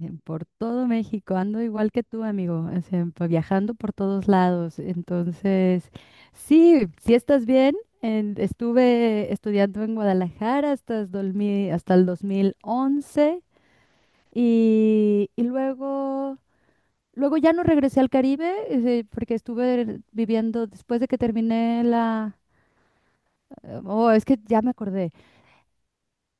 Por todo México, ando igual que tú, amigo, o sea, viajando por todos lados. Entonces, sí, si estás bien. Estuve estudiando en Guadalajara, hasta el 2000, hasta el 2011, y luego ya no regresé al Caribe, porque estuve viviendo después de que terminé la... Oh, es que ya me acordé.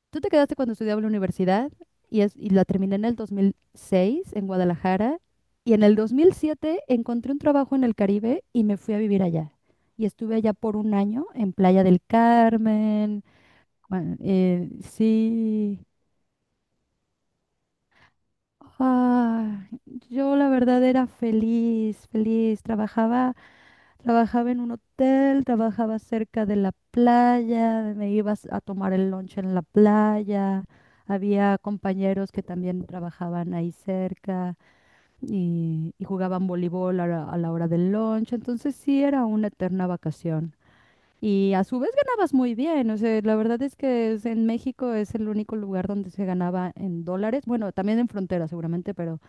Tú te quedaste cuando estudiaba en la universidad, y la terminé en el 2006 en Guadalajara, y en el 2007 encontré un trabajo en el Caribe y me fui a vivir allá. Y estuve allá por un año en Playa del Carmen. Bueno, sí. Ah, yo la verdad era feliz, feliz. Trabajaba en un hotel, trabajaba cerca de la playa, me ibas a tomar el lunch en la playa. Había compañeros que también trabajaban ahí cerca, y jugaban voleibol a la hora del lunch. Entonces sí era una eterna vacación. Y a su vez ganabas muy bien. O sea, la verdad es que en México es el único lugar donde se ganaba en dólares. Bueno, también en frontera seguramente, pero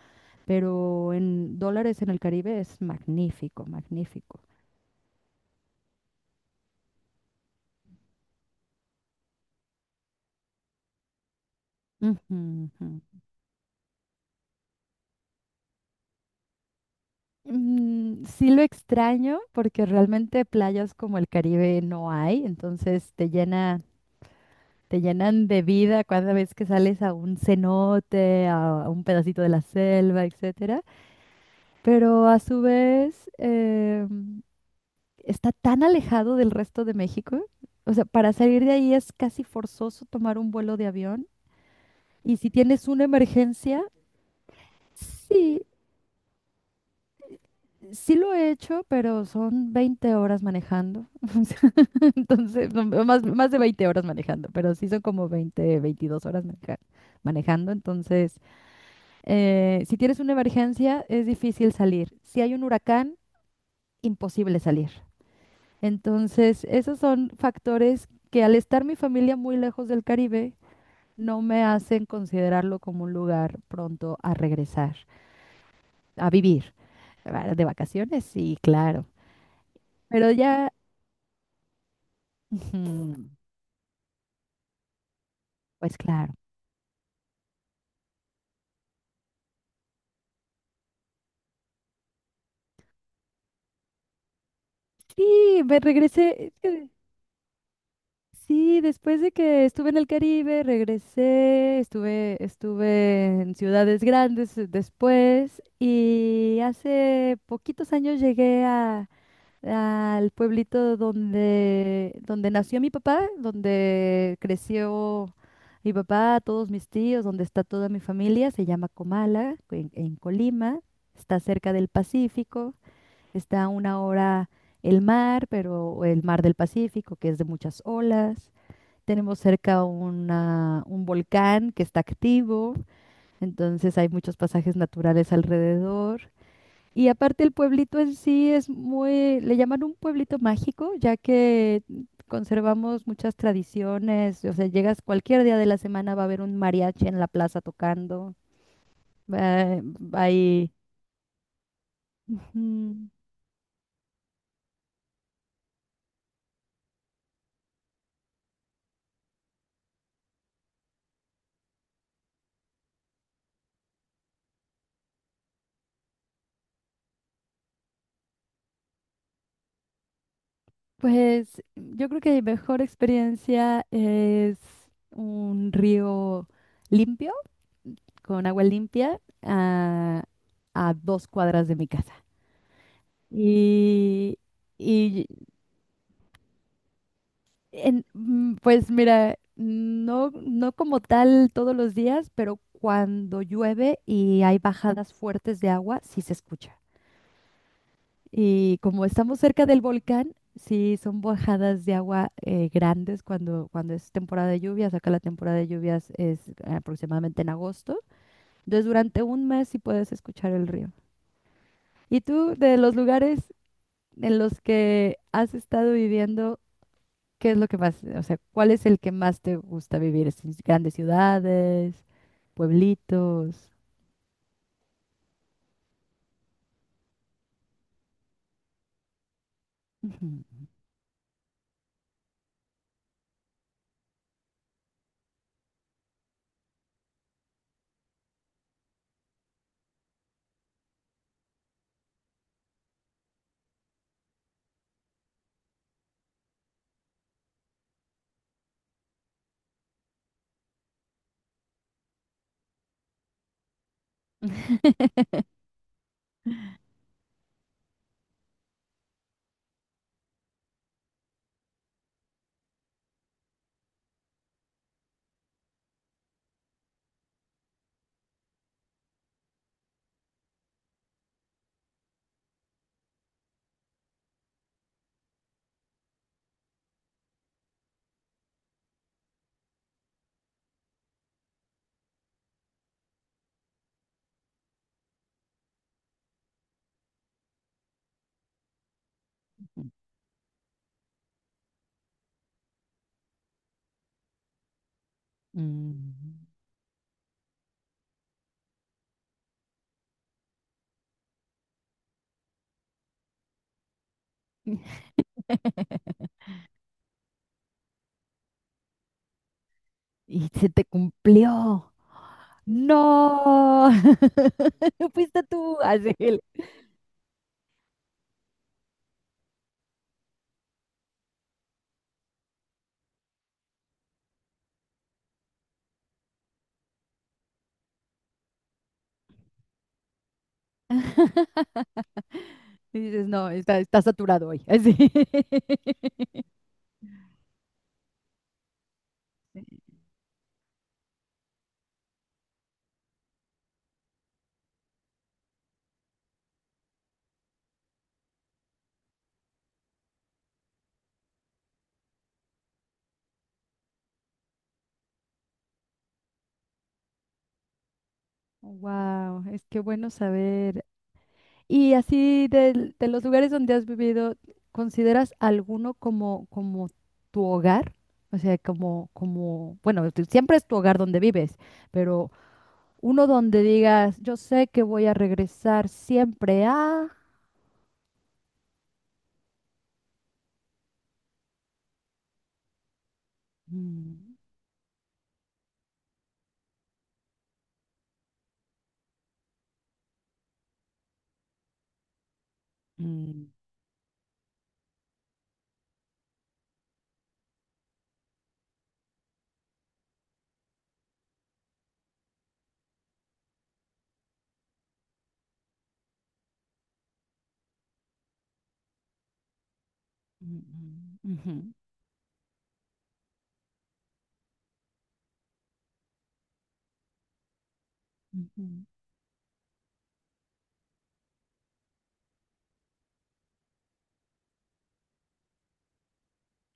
pero en dólares en el Caribe es magnífico, magnífico. Ujú, ujú. Mm, sí lo extraño porque realmente playas como el Caribe no hay, entonces te llenan de vida cada vez que sales a un cenote, a un pedacito de la selva, etcétera. Pero a su vez, está tan alejado del resto de México, o sea, para salir de ahí es casi forzoso tomar un vuelo de avión. Y si tienes una emergencia. Sí, sí lo he hecho, pero son 20 horas manejando. Entonces, no, no, más de 20 horas manejando, pero sí son como 20, 22 horas manejando. Entonces, si tienes una emergencia, es difícil salir. Si hay un huracán, imposible salir. Entonces, esos son factores que al estar mi familia muy lejos del Caribe, no me hacen considerarlo como un lugar pronto a regresar, a vivir, ¿verdad? De vacaciones, sí, claro. Pero ya... Ujú. Pues claro. Sí, me regresé. Sí, después de que estuve en el Caribe, regresé, estuve en ciudades grandes, después, y hace poquitos años llegué al pueblito, donde nació mi papá, donde creció mi papá, todos mis tíos, donde está toda mi familia, se llama Comala, en Colima, está cerca del Pacífico. Está a una hora el mar, pero el mar del Pacífico, que es de muchas olas. Tenemos cerca un volcán que está activo, entonces hay muchos pasajes naturales alrededor. Y aparte el pueblito en sí es muy, le llaman un pueblito mágico, ya que conservamos muchas tradiciones. O sea, llegas cualquier día de la semana, va a haber un mariachi en la plaza tocando, va- hay... Ujú. Pues yo creo que mi mejor experiencia es un río limpio, con agua limpia, a 2 cuadras de mi casa. Y, y pues mira, no, no como tal todos los días, pero cuando llueve y hay bajadas fuertes de agua, sí se escucha. Y como estamos cerca del volcán, sí, son bajadas de agua, grandes, cuando es temporada de lluvias. Acá la temporada de lluvias es aproximadamente en agosto. Entonces, durante un mes sí puedes escuchar el río. ¿Y tú, de los lugares en los que has estado viviendo, qué es lo que más, o sea, cuál es el que más te gusta vivir? ¿Es en grandes ciudades, pueblitos? Ujú. Mm. Y se te cumplió. No, fuiste tú, así. Él. Y dices, no, está saturado hoy. Así. Wow, es que bueno saber. Y así los lugares donde has vivido, ¿consideras alguno como tu hogar? O sea, bueno, siempre es tu hogar donde vives, pero uno donde digas, yo sé que voy a regresar siempre a... Mm, mm, mm, ujú, ujú.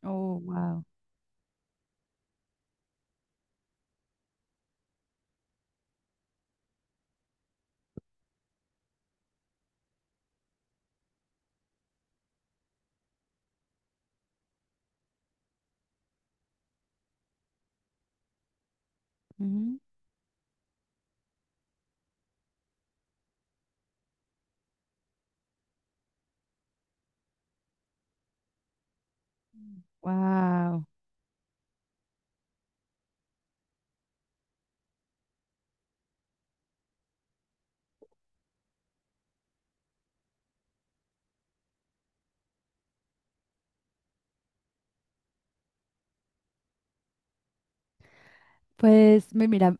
Oh, wow. Wow. Pues mira,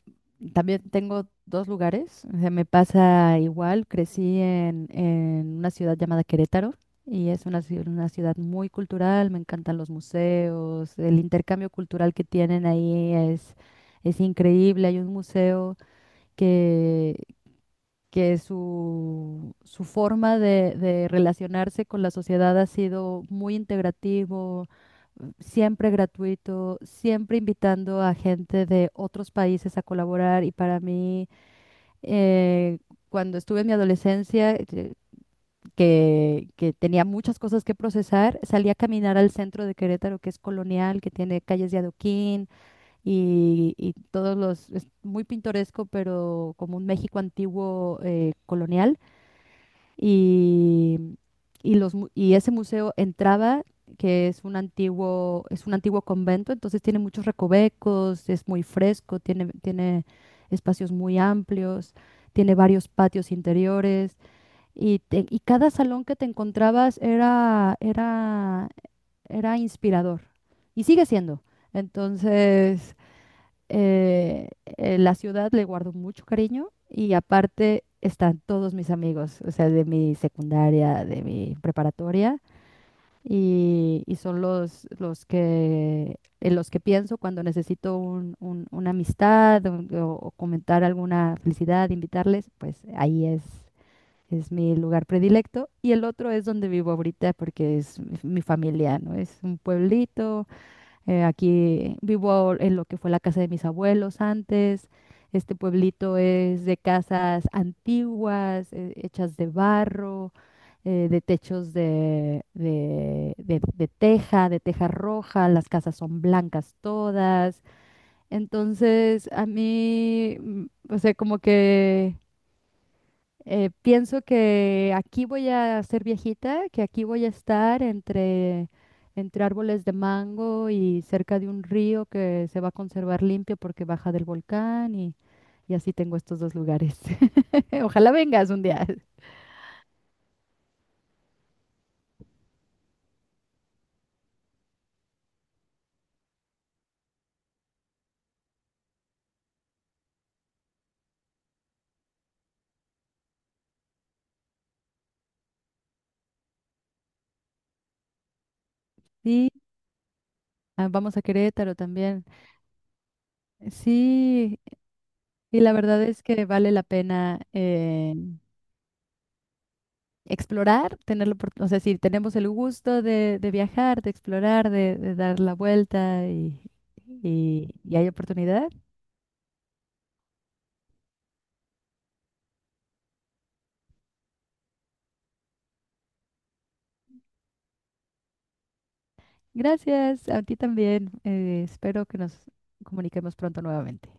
también tengo dos lugares. O sea, me pasa igual. Crecí en una ciudad llamada Querétaro, y es una ciudad muy cultural. Me encantan los museos. El intercambio cultural que tienen ahí es increíble. Hay un museo que que su forma de relacionarse con la sociedad ha sido muy integrativo, siempre gratuito, siempre invitando a gente de otros países a colaborar. Y para mí, eh, cuando estuve en mi adolescencia, que tenía muchas cosas que procesar, salí a caminar al centro de Querétaro, que es colonial, que tiene calles de adoquín, y es muy pintoresco, pero como un México antiguo, colonial, y, y ese museo entraba, que es un antiguo, convento, entonces tiene muchos recovecos, es muy fresco, tiene espacios muy amplios, tiene varios patios interiores, y cada salón que te encontrabas era, era inspirador, y sigue siendo. Entonces, la ciudad le guardo mucho cariño y aparte están todos mis amigos, o sea, de mi secundaria, de mi preparatoria, y son en los que pienso cuando necesito una amistad o comentar alguna felicidad, invitarles, pues ahí es. Es mi lugar predilecto y el otro es donde vivo ahorita porque es mi familia, ¿no? Es un pueblito, aquí vivo en lo que fue la casa de mis abuelos antes. Este pueblito es de casas antiguas, hechas de barro, de techos de teja, de teja roja. Las casas son blancas todas. Entonces, a mí, o sea, como que, pienso que aquí voy a ser viejita, que aquí voy a estar entre árboles de mango y cerca de un río que se va a conservar limpio porque baja del volcán, y así tengo estos dos lugares. Ojalá vengas un día. Sí, ah, vamos a Querétaro también. Sí, y la verdad es que vale la pena. Explorar, o sea, si tenemos el gusto de viajar, de explorar, de dar la vuelta, y hay oportunidad. Gracias, a ti también. Espero que nos comuniquemos pronto nuevamente.